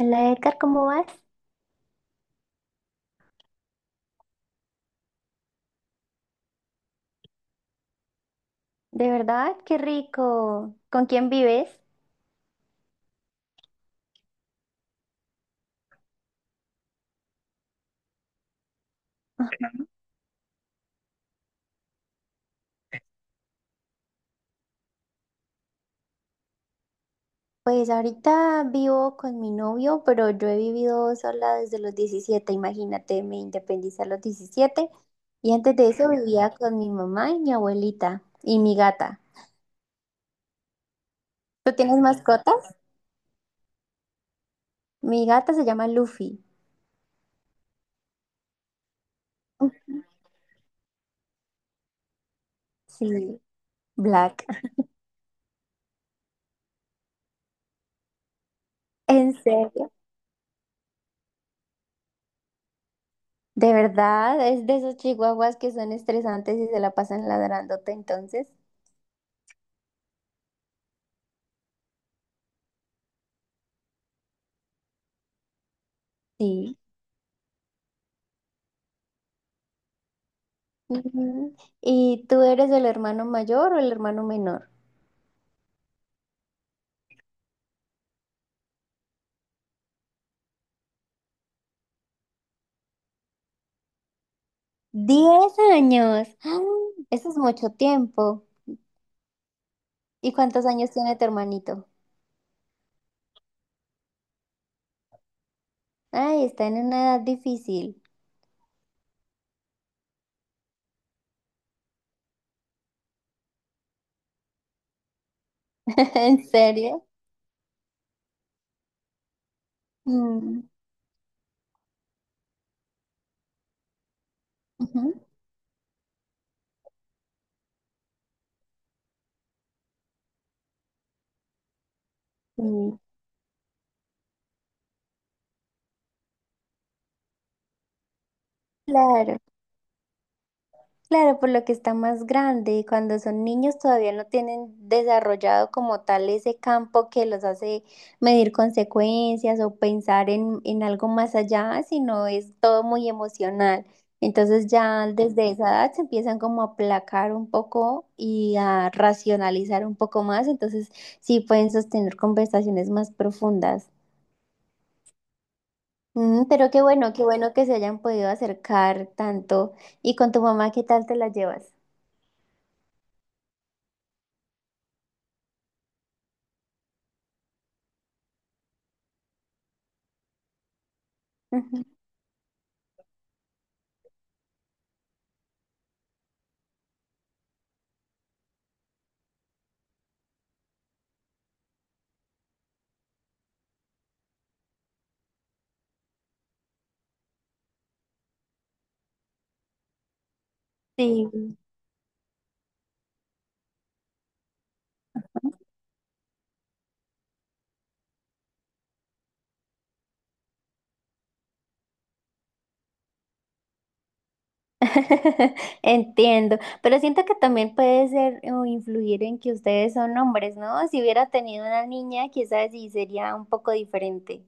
Hola Edgar, ¿cómo vas? De verdad, qué rico. ¿Con quién vives? Pues ahorita vivo con mi novio, pero yo he vivido sola desde los 17. Imagínate, me independicé a los 17. Y antes de eso vivía con mi mamá y mi abuelita y mi gata. ¿Tú tienes mascotas? Mi gata se llama Luffy. Ujú. Sí, Black. ¿En serio? De verdad, es de esos chihuahuas que son estresantes y se la pasan ladrándote entonces. Sí. Ujú. ¿Y tú eres el hermano mayor o el hermano menor? ¡10 años! ¡Ah! Eso es mucho tiempo. ¿Y cuántos años tiene tu hermanito? Ay, está en una edad difícil. ¿En serio? Mm, ujú. Sí, claro. Claro, por lo que está más grande cuando son niños todavía no tienen desarrollado como tal ese campo que los hace medir consecuencias o pensar en algo más allá, sino es todo muy emocional. Entonces ya desde esa edad se empiezan como a aplacar un poco y a racionalizar un poco más, entonces sí pueden sostener conversaciones más profundas. Mm, pero qué bueno que se hayan podido acercar tanto. ¿Y con tu mamá qué tal te la llevas? Sí, entiendo, pero siento que también puede ser o influir en que ustedes son hombres, ¿no? Si hubiera tenido una niña, quizás sí sería un poco diferente.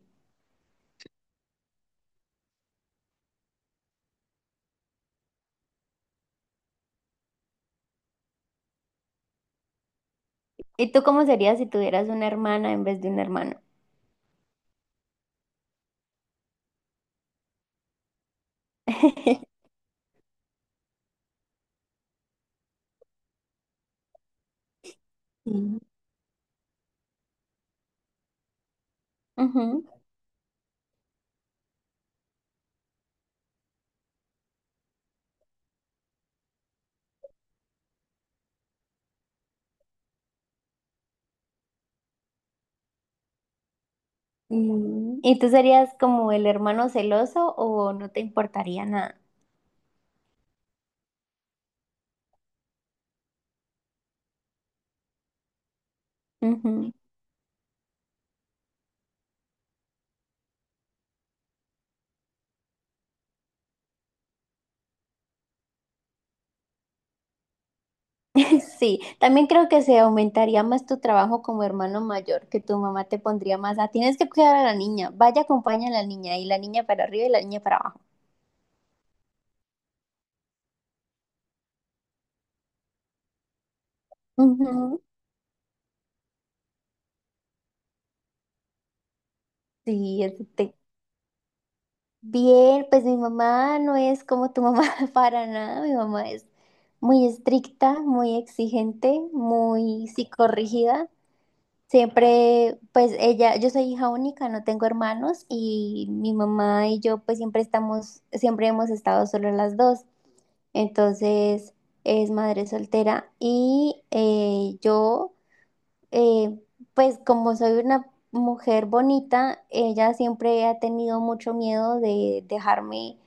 ¿Y tú cómo serías si tuvieras una hermana en vez de un hermano? Mm, ujú. Mm. ¿Y tú serías como el hermano celoso o no te importaría nada? Sí, también creo que se aumentaría más tu trabajo como hermano mayor, que tu mamá te pondría más a, tienes que cuidar a la niña, vaya, acompaña a la niña, y la niña para arriba y la niña para abajo. Ujú. Sí. Bien, pues mi mamá no es como tu mamá para nada, mi mamá es muy estricta, muy exigente, muy psicorrígida. Siempre, pues ella, yo soy hija única, no tengo hermanos y mi mamá y yo pues siempre estamos, siempre hemos estado solo las dos. Entonces es madre soltera y yo, eh, pues como soy una mujer bonita, ella siempre ha tenido mucho miedo de dejarme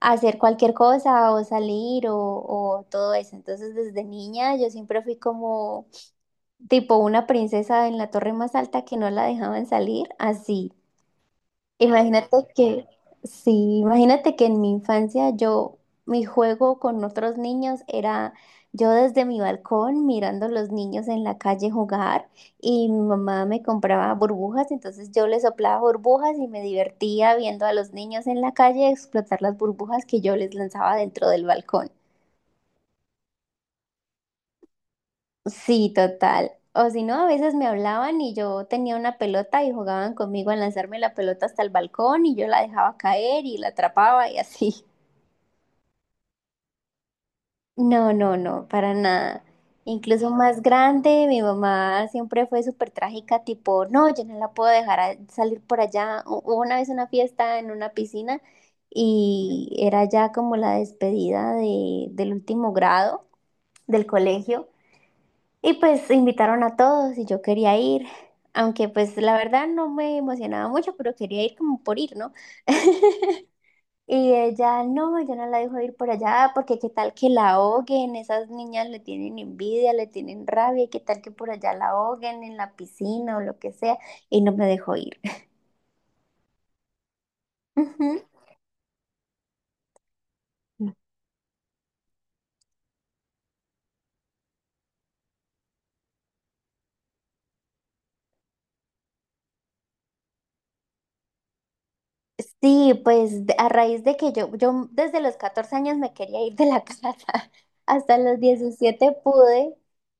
hacer cualquier cosa o salir o todo eso. Entonces desde niña yo siempre fui como tipo una princesa en la torre más alta que no la dejaban salir, así. Imagínate que, sí, imagínate que en mi infancia mi juego con otros niños era yo desde mi balcón mirando a los niños en la calle jugar y mi mamá me compraba burbujas, entonces yo les soplaba burbujas y me divertía viendo a los niños en la calle explotar las burbujas que yo les lanzaba dentro del balcón. Sí, total. O si no, a veces me hablaban y yo tenía una pelota y jugaban conmigo a lanzarme la pelota hasta el balcón y yo la dejaba caer y la atrapaba y así. No, no, no, para nada. Incluso más grande, mi mamá siempre fue súper trágica, tipo, no, yo no la puedo dejar salir por allá. Hubo una vez una fiesta en una piscina y era ya como la despedida del último grado del colegio y pues invitaron a todos y yo quería ir, aunque pues la verdad no me emocionaba mucho, pero quería ir como por ir, ¿no? Y ella, no, yo no la dejo ir por allá porque qué tal que la ahoguen, esas niñas le tienen envidia, le tienen rabia, y qué tal que por allá la ahoguen en la piscina o lo que sea, y no me dejó ir. Sí, pues a raíz de que yo desde los 14 años me quería ir de la casa, hasta los 17 pude,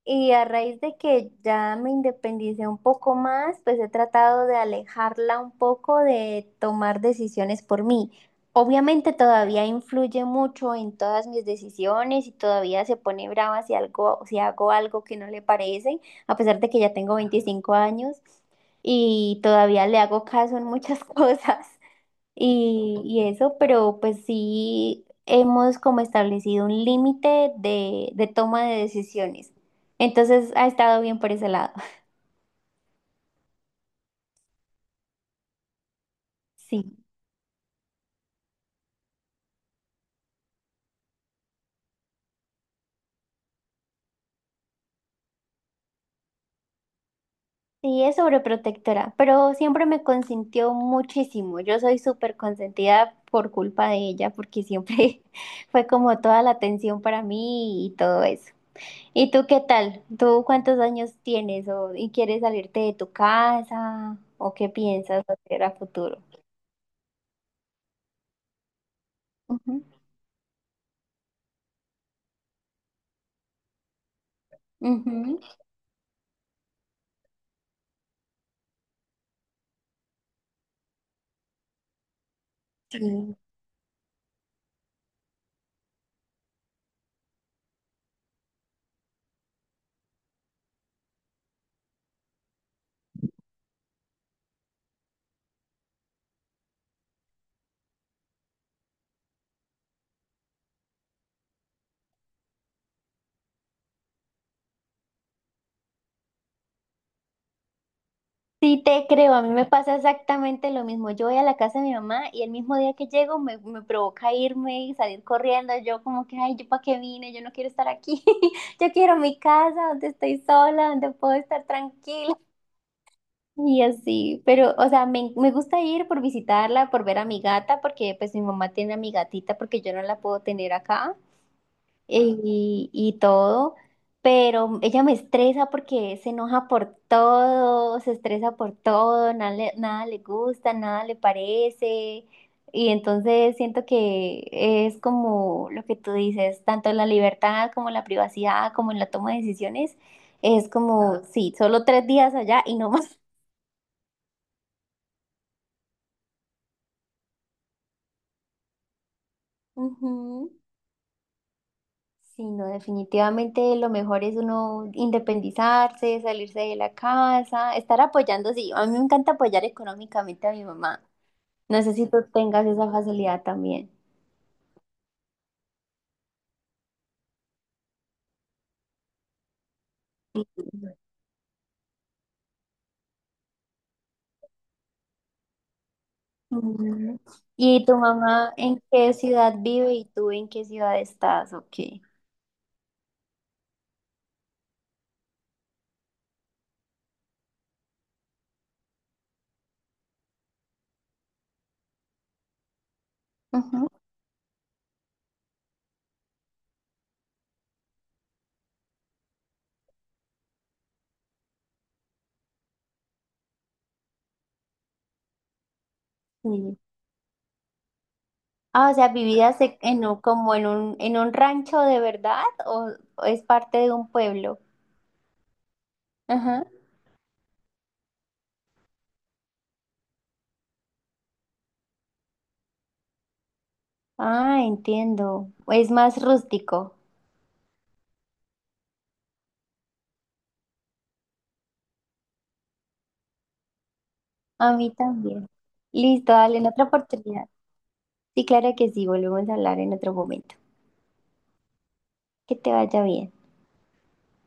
y a raíz de que ya me independicé un poco más, pues he tratado de alejarla un poco de tomar decisiones por mí. Obviamente todavía influye mucho en todas mis decisiones y todavía se pone brava si hago algo que no le parece, a pesar de que ya tengo 25 años y todavía le hago caso en muchas cosas y eso, pero pues sí hemos como establecido un límite de toma de decisiones. Entonces ha estado bien por ese lado. Sí, sí, es sobreprotectora, pero siempre me consintió muchísimo. Yo soy súper consentida por culpa de ella, porque siempre fue como toda la atención para mí y todo eso. ¿Y tú qué tal? ¿Tú cuántos años tienes o, y quieres salirte de tu casa o qué piensas hacer a futuro? Ujú, ujú. Sí, sí te creo, a mí me pasa exactamente lo mismo. Yo voy a la casa de mi mamá y el mismo día que llego me provoca irme y salir corriendo. Yo como que, ay, ¿yo para qué vine? Yo no quiero estar aquí. Yo quiero mi casa donde estoy sola, donde puedo estar tranquila. Y así, pero, o sea, me gusta ir por visitarla, por ver a mi gata, porque pues mi mamá tiene a mi gatita porque yo no la puedo tener acá. Y todo, pero ella me estresa porque se enoja por todo, se estresa por todo, nada le gusta, nada le parece, y entonces siento que es como lo que tú dices, tanto en la libertad como en la privacidad, como en la toma de decisiones, es como, sí, solo 3 días allá y no más. Ujú. Sí, no, definitivamente lo mejor es uno independizarse, salirse de la casa, estar apoyando, sí, a mí me encanta apoyar económicamente a mi mamá. No sé si tú tengas esa facilidad también. Ujú. ¿Y tu mamá en qué ciudad vive y tú en qué ciudad estás? Ok. Ujú, sí. Ah, o sea, ¿vivías e- en un- como en un rancho de verdad o es parte de un pueblo? Ajá. Ah, entiendo. Es más rústico. A mí también. Listo, dale en otra oportunidad. Sí, claro que sí, volvemos a hablar en otro momento. Que te vaya bien.